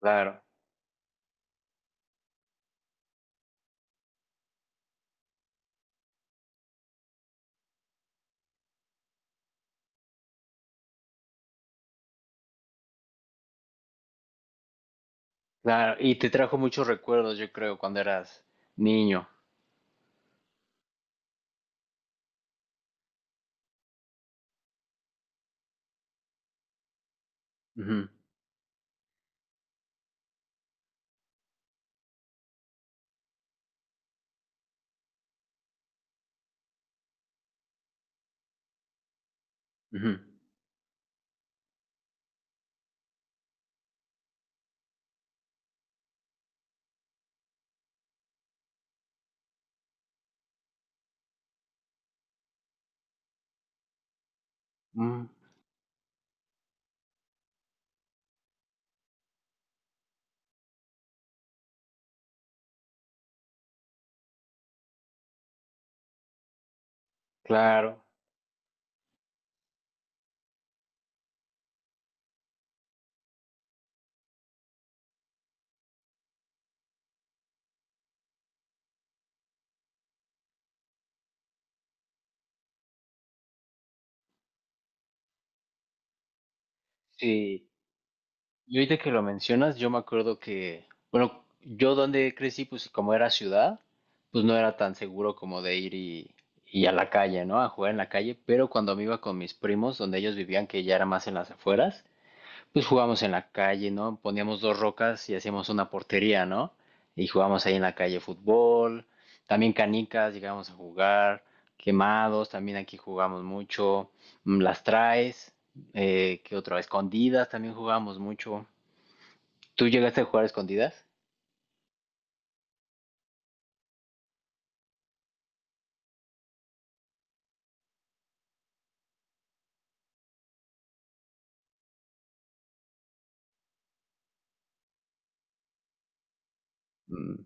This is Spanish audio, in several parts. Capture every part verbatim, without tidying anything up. Claro, claro. Y te trajo muchos recuerdos, yo creo, cuando eras niño. Ujú, ujú. Mm, claro, sí. Y ahorita que lo mencionas, yo me acuerdo que, bueno, yo donde crecí, pues como era ciudad, pues no era tan seguro como de ir y, y a la calle, ¿no? A jugar en la calle, pero cuando me iba con mis primos, donde ellos vivían, que ya era más en las afueras, pues jugábamos en la calle, ¿no? Poníamos dos rocas y hacíamos una portería, ¿no? Y jugábamos ahí en la calle fútbol, también canicas, llegábamos a jugar quemados, también aquí jugamos mucho, mm, las traes, eh, ¿qué otra? Escondidas también jugábamos mucho. ¿Tú llegaste a jugar escondidas? Mm.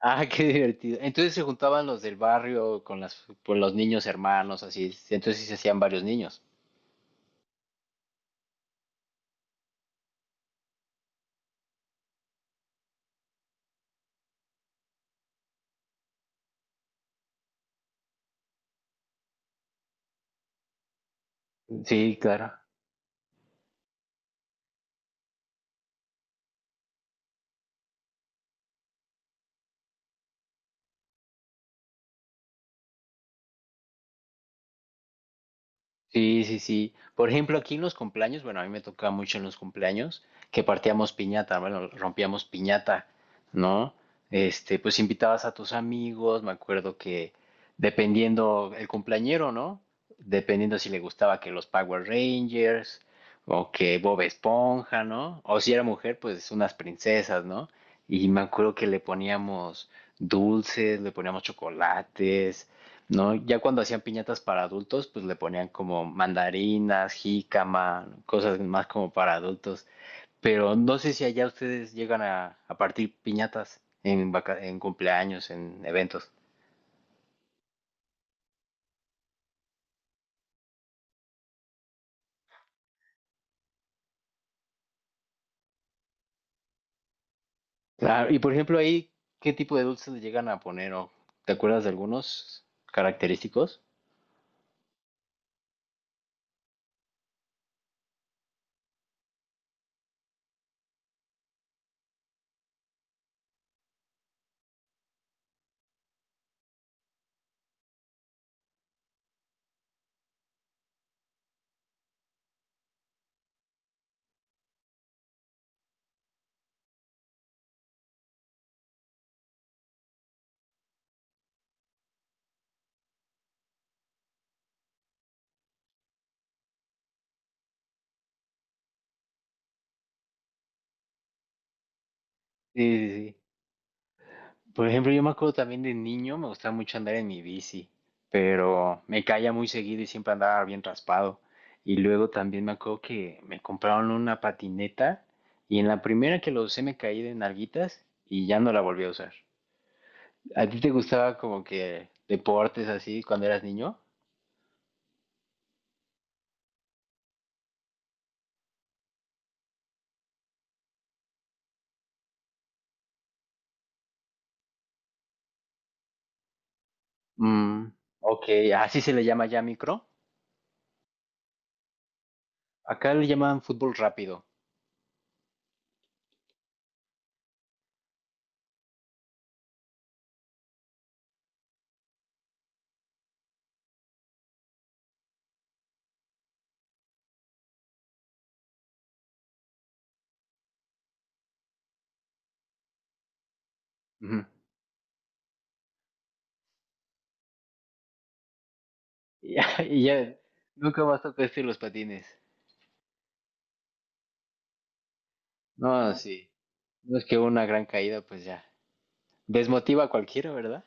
Ah, qué divertido. Entonces se juntaban los del barrio con las, con los niños hermanos, así. Entonces sí se hacían varios niños. Sí, claro. Sí, sí, sí. Por ejemplo, aquí en los cumpleaños, bueno, a mí me tocaba mucho en los cumpleaños que partíamos piñata, bueno, rompíamos piñata, ¿no? Este, pues invitabas a tus amigos, me acuerdo que dependiendo el cumpleañero, ¿no? Dependiendo si le gustaba que los Power Rangers o que Bob Esponja, ¿no? O si era mujer, pues unas princesas, ¿no? Y me acuerdo que le poníamos dulces, le poníamos chocolates, ¿no? Ya cuando hacían piñatas para adultos, pues le ponían como mandarinas, jícama, cosas más como para adultos. Pero no sé si allá ustedes llegan a, a partir piñatas en, vaca- en cumpleaños, en eventos. Claro, y por ejemplo ahí, ¿qué tipo de dulces le llegan a poner? ¿O te acuerdas de algunos característicos? Sí, sí, sí. Por ejemplo, yo me acuerdo también de niño, me gustaba mucho andar en mi bici, pero me caía muy seguido y siempre andaba bien raspado. Y luego también me acuerdo que me compraron una patineta y en la primera que lo usé me caí de nalguitas y ya no la volví a usar. ¿A ti te gustaba como que deportes así cuando eras niño? Mm, ok, así se le llama ya micro. Acá le llaman fútbol rápido. Ujú. Y ya, y ya nunca más tocaste los patines. No, sí. No es que una gran caída, pues ya. Desmotiva a cualquiera, ¿verdad?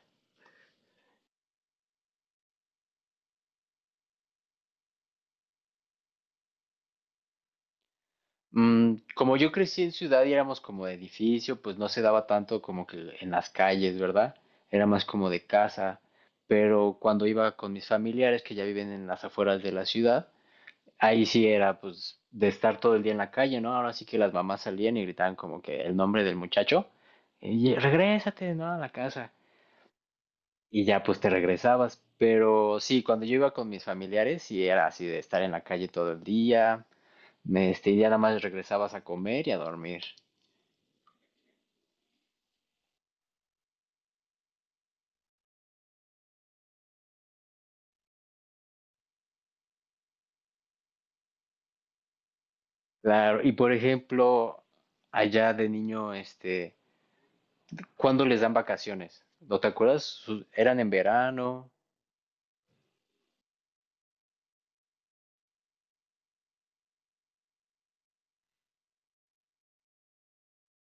Mm, como yo crecí en ciudad y éramos como de edificio, pues no se daba tanto como que en las calles, ¿verdad? Era más como de casa. Pero cuando iba con mis familiares que ya viven en las afueras de la ciudad, ahí sí era pues de estar todo el día en la calle, ¿no? Ahora sí que las mamás salían y gritaban como que el nombre del muchaye, regrésate, ¿no? A la casa. Y ya pues te regresabas. Pero sí, cuando yo iba con mis familiares, sí era así de estar en la calle todo el día, me, este, y ya nada más regresabas a comer y a dormir. Claro, y por ejemplo, allá de niño, este, ¿cuándo les dan vacaciones? ¿No te acuerdas? Su- ¿Eran en verano?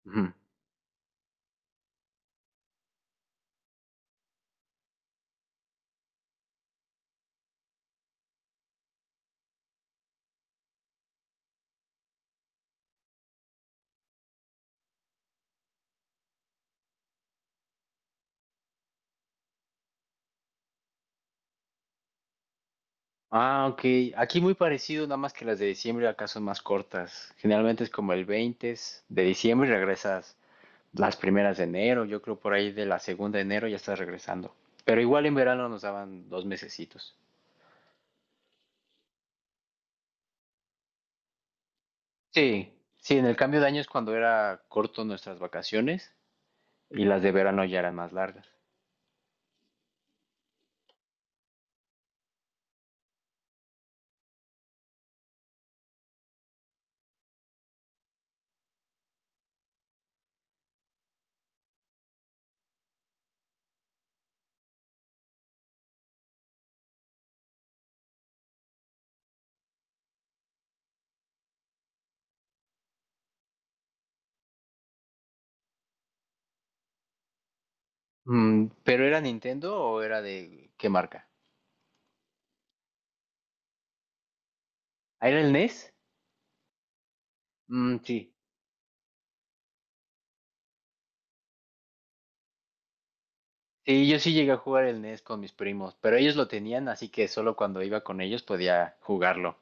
Ujú. Ah, ok. Aquí muy parecido, nada más que las de diciembre acá son más cortas. Generalmente es como el veinte de diciembre y regresas las primeras de enero, yo creo por ahí de la segunda de enero ya estás regresando. Pero igual en verano nos daban dos mesecitos. Sí, sí, en el cambio de año es cuando era corto nuestras vacaciones y las de verano ya eran más largas. Mm, ¿pero era Nintendo o era de qué marca? ¿Ah, ¿era el N E S? Mm, sí. Sí, yo sí llegué a jugar el N E S con mis primos, pero ellos lo tenían, así que solo cuando iba con ellos podía jugarlo.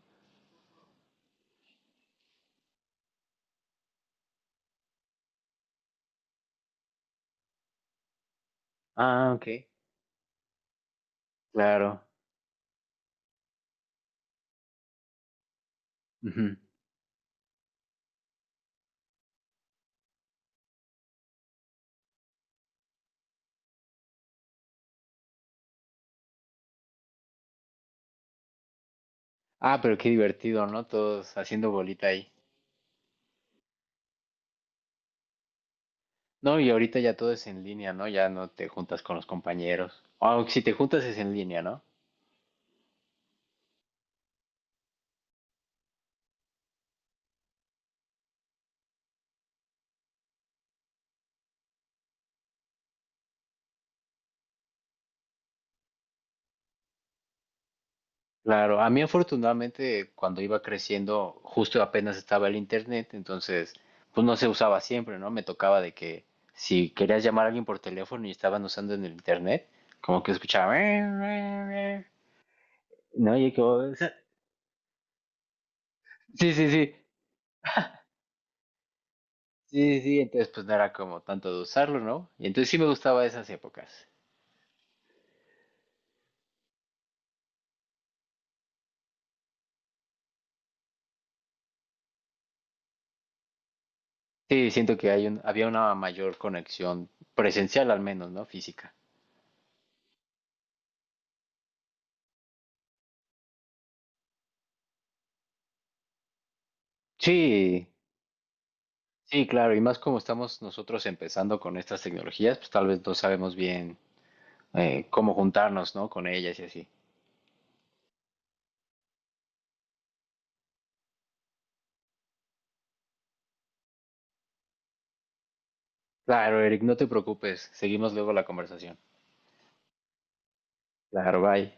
Ah, ok. Claro. Ujú. Ah, pero qué divertido, ¿no? Todos haciendo bolita ahí. No, y ahorita ya todo es en línea, ¿no? Ya no te juntas con los compañeros. Aunque si te juntas es en línea, ¿no? Claro, a mí afortunadamente cuando iba creciendo justo apenas estaba el internet, entonces pues no se usaba siempre, ¿no? Me tocaba de que si querías llamar a alguien por teléfono y estaban usando en el internet, como que escuchaba... No, y como... Sí, sí, sí, sí, sí, entonces pues no era como tanto de usarlo, ¿no? Y entonces sí me gustaba esas épocas. Sí, siento que hay un, había una mayor conexión presencial al menos, ¿no? Física. Sí, sí, claro. Y más como estamos nosotros empezando con estas tecnologías, pues tal vez no sabemos bien eh, cómo juntarnos, ¿no? Con ellas y así. Claro, Eric, no te preocupes. Seguimos luego la conversación. Claro, bye.